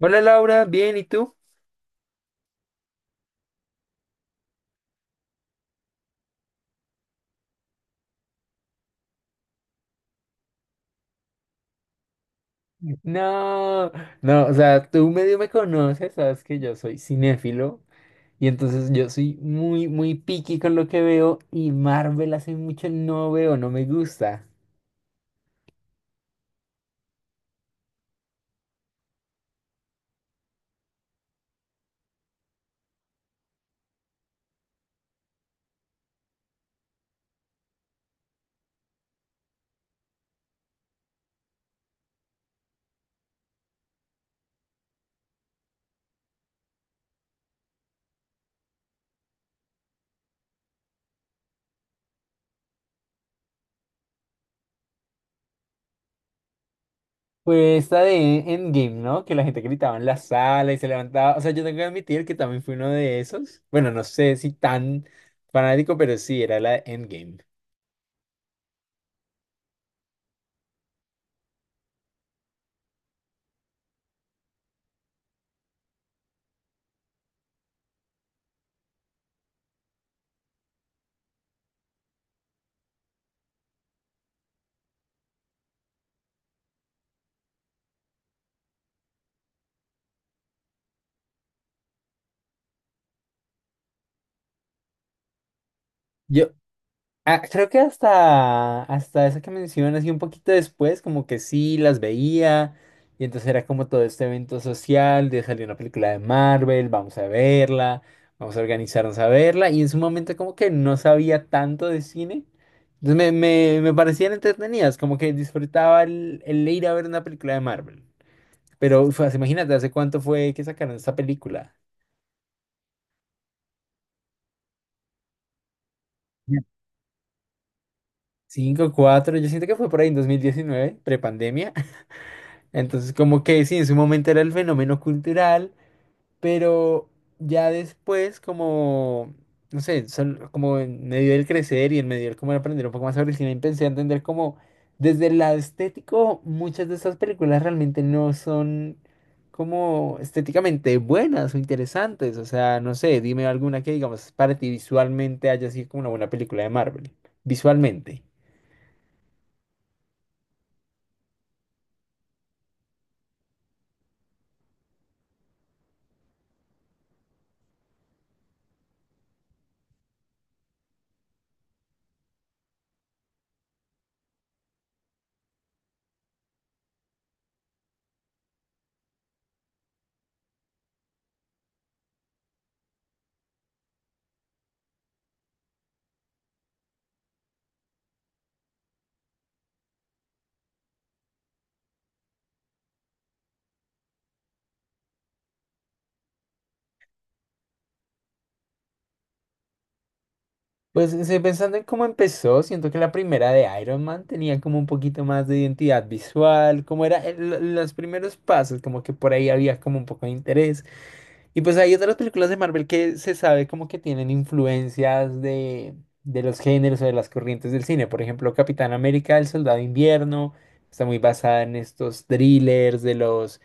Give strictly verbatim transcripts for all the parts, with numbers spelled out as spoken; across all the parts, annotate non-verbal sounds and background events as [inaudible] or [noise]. Hola Laura, bien, ¿y tú? No, no, o sea, tú medio me conoces, sabes que yo soy cinéfilo y entonces yo soy muy, muy picky con lo que veo y Marvel hace mucho no veo, no me gusta. Pues esta de Endgame, ¿no? Que la gente gritaba en la sala y se levantaba. O sea, yo tengo que admitir que también fui uno de esos. Bueno, no sé si tan fanático, pero sí, era la de Endgame. Yo, ah, creo que hasta, hasta esa que mencionas y un poquito después, como que sí las veía. Y entonces era como todo este evento social de salir una película de Marvel, vamos a verla, vamos a organizarnos a verla. Y en su momento como que no sabía tanto de cine. Entonces me, me, me parecían entretenidas, como que disfrutaba el, el ir a ver una película de Marvel. Pero uf, imagínate, ¿hace cuánto fue que sacaron esta película? Cinco, cuatro, yo siento que fue por ahí en dos mil diecinueve, prepandemia. Entonces, como que sí, en su momento era el fenómeno cultural, pero ya después, como, no sé, sol- como en medio del crecer y en medio del como de aprender un poco más sobre el cine, empecé a entender como desde el lado estético, muchas de estas películas realmente no son como estéticamente buenas o interesantes. O sea, no sé, dime alguna que, digamos, para ti visualmente haya sido como una buena película de Marvel, visualmente. Pues estoy pensando en cómo empezó, siento que la primera de Iron Man tenía como un poquito más de identidad visual, como era el- los primeros pasos, como que por ahí había como un poco de interés. Y pues hay otras películas de Marvel que se sabe como que tienen influencias de, de los géneros o de las corrientes del cine. Por ejemplo, Capitán América, El Soldado de Invierno, está muy basada en estos thrillers de los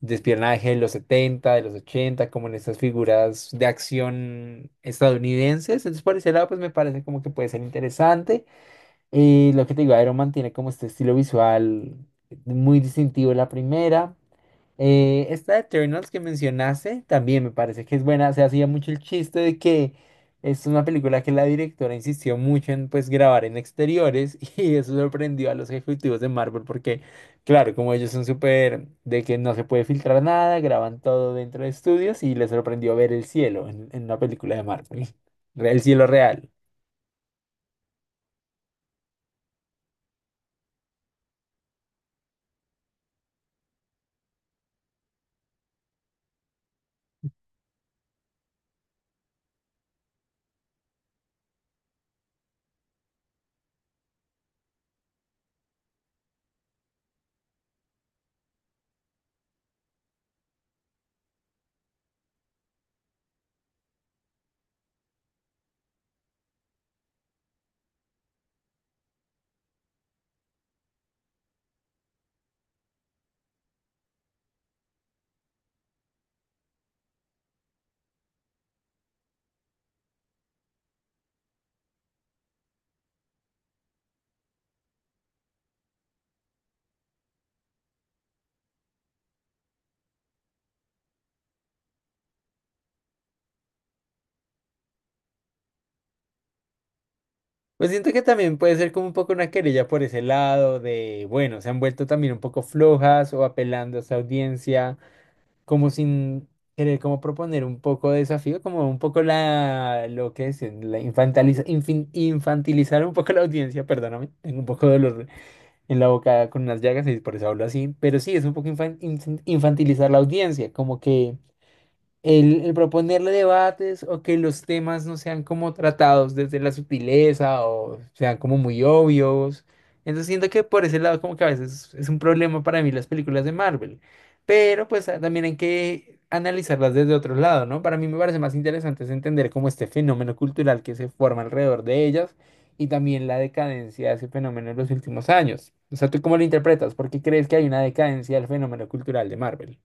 despiernaje de los setenta, de los ochenta, como en estas figuras de acción estadounidenses. Entonces, por ese lado, pues me parece como que puede ser interesante. Y lo que te digo, Iron Man tiene como este estilo visual muy distintivo la primera. Eh, esta de Eternals que mencionaste también me parece que es buena. Se hacía mucho el chiste de que es una película que la directora insistió mucho en pues grabar en exteriores [laughs] y eso sorprendió a los ejecutivos de Marvel porque, claro, como ellos son súper de que no se puede filtrar nada, graban todo dentro de estudios y les sorprendió ver el cielo en, en una película de Marvel, [laughs] el cielo real. Pues siento que también puede ser como un poco una querella por ese lado de, bueno, se han vuelto también un poco flojas o apelando a esa audiencia, como sin querer como proponer un poco de desafío, como un poco la, lo que es, la infantiliza- infin- infantilizar un poco la audiencia, perdóname, tengo un poco de dolor en la boca con unas llagas y por eso hablo así, pero sí, es un poco infan- infin- infantilizar la audiencia, como que... El, el proponerle debates o que los temas no sean como tratados desde la sutileza o sean como muy obvios. Entonces siento que por ese lado como que a veces es un problema para mí las películas de Marvel. Pero pues ah, también hay que analizarlas desde otro lado, ¿no? Para mí me parece más interesante es entender como este fenómeno cultural que se forma alrededor de ellas y también la decadencia de ese fenómeno en los últimos años. O sea, ¿tú cómo lo interpretas? ¿Por qué crees que hay una decadencia del fenómeno cultural de Marvel?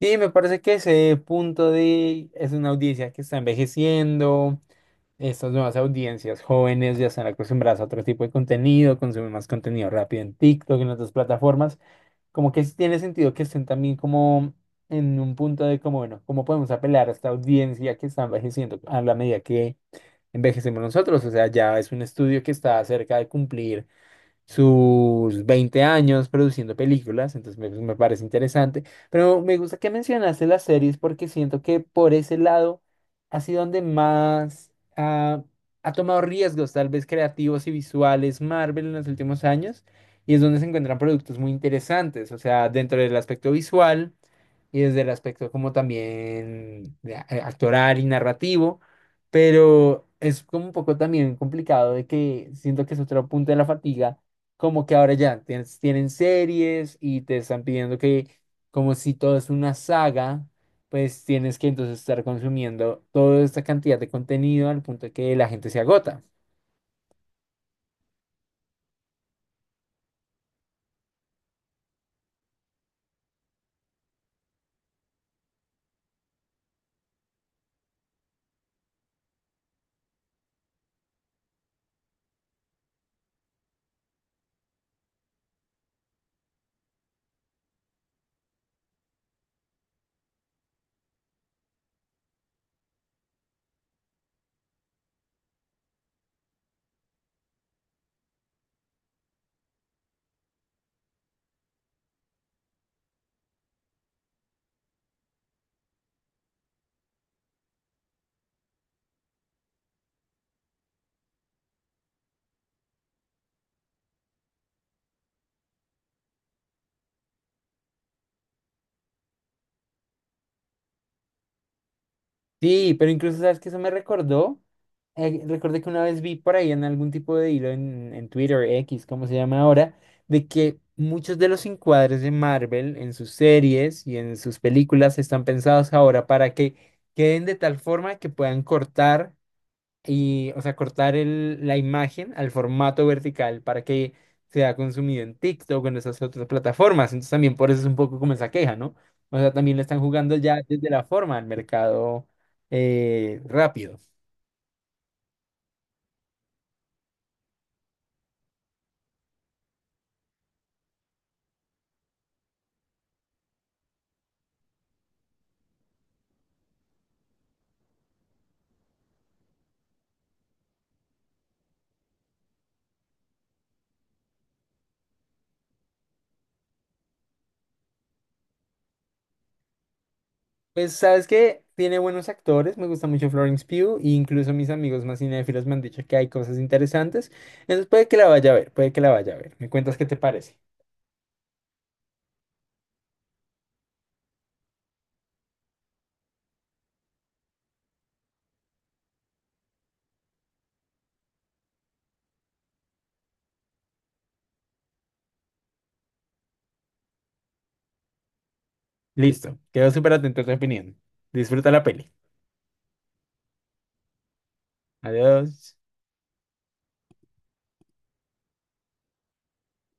Sí, me parece que ese punto de es una audiencia que está envejeciendo, estas nuevas audiencias jóvenes ya están acostumbradas a otro tipo de contenido, consumen más contenido rápido en TikTok, en otras plataformas, como que sí tiene sentido que estén también como en un punto de como, bueno, ¿cómo podemos apelar a esta audiencia que está envejeciendo a la medida que envejecemos nosotros? O sea, ya es un estudio que está cerca de cumplir sus veinte años produciendo películas, entonces me, me parece interesante. Pero me gusta que mencionaste las series porque siento que por ese lado ha sido donde más ah, ha tomado riesgos, tal vez creativos y visuales, Marvel en los últimos años, y es donde se encuentran productos muy interesantes, o sea, dentro del aspecto visual y desde el aspecto como también de a- actoral y narrativo, pero es como un poco también complicado de que siento que es otro punto de la fatiga, como que ahora ya tienes- tienen series y te están pidiendo que, como si todo es una saga, pues tienes que entonces estar consumiendo toda esta cantidad de contenido al punto de que la gente se agota. Sí, pero incluso sabes que eso me recordó. Eh, recordé que una vez vi por ahí en algún tipo de hilo en, en Twitter, X, como se llama ahora, de que muchos de los encuadres de Marvel en sus series y en sus películas están pensados ahora para que queden de tal forma que puedan cortar. Y, o sea, cortar el- la imagen al formato vertical para que sea consumido en TikTok o en esas otras plataformas. Entonces también por eso es un poco como esa queja, ¿no? O sea, también le están jugando ya desde la forma al mercado eh, rápido. Pues, ¿sabes qué? Tiene buenos actores, me gusta mucho Florence Pugh, e incluso mis amigos más cinéfilos me han dicho que hay cosas interesantes. Entonces puede que la vaya a ver, puede que la vaya a ver. Me cuentas qué te parece. Listo, quedo súper atento a tu opinión. Disfruta la peli. Adiós.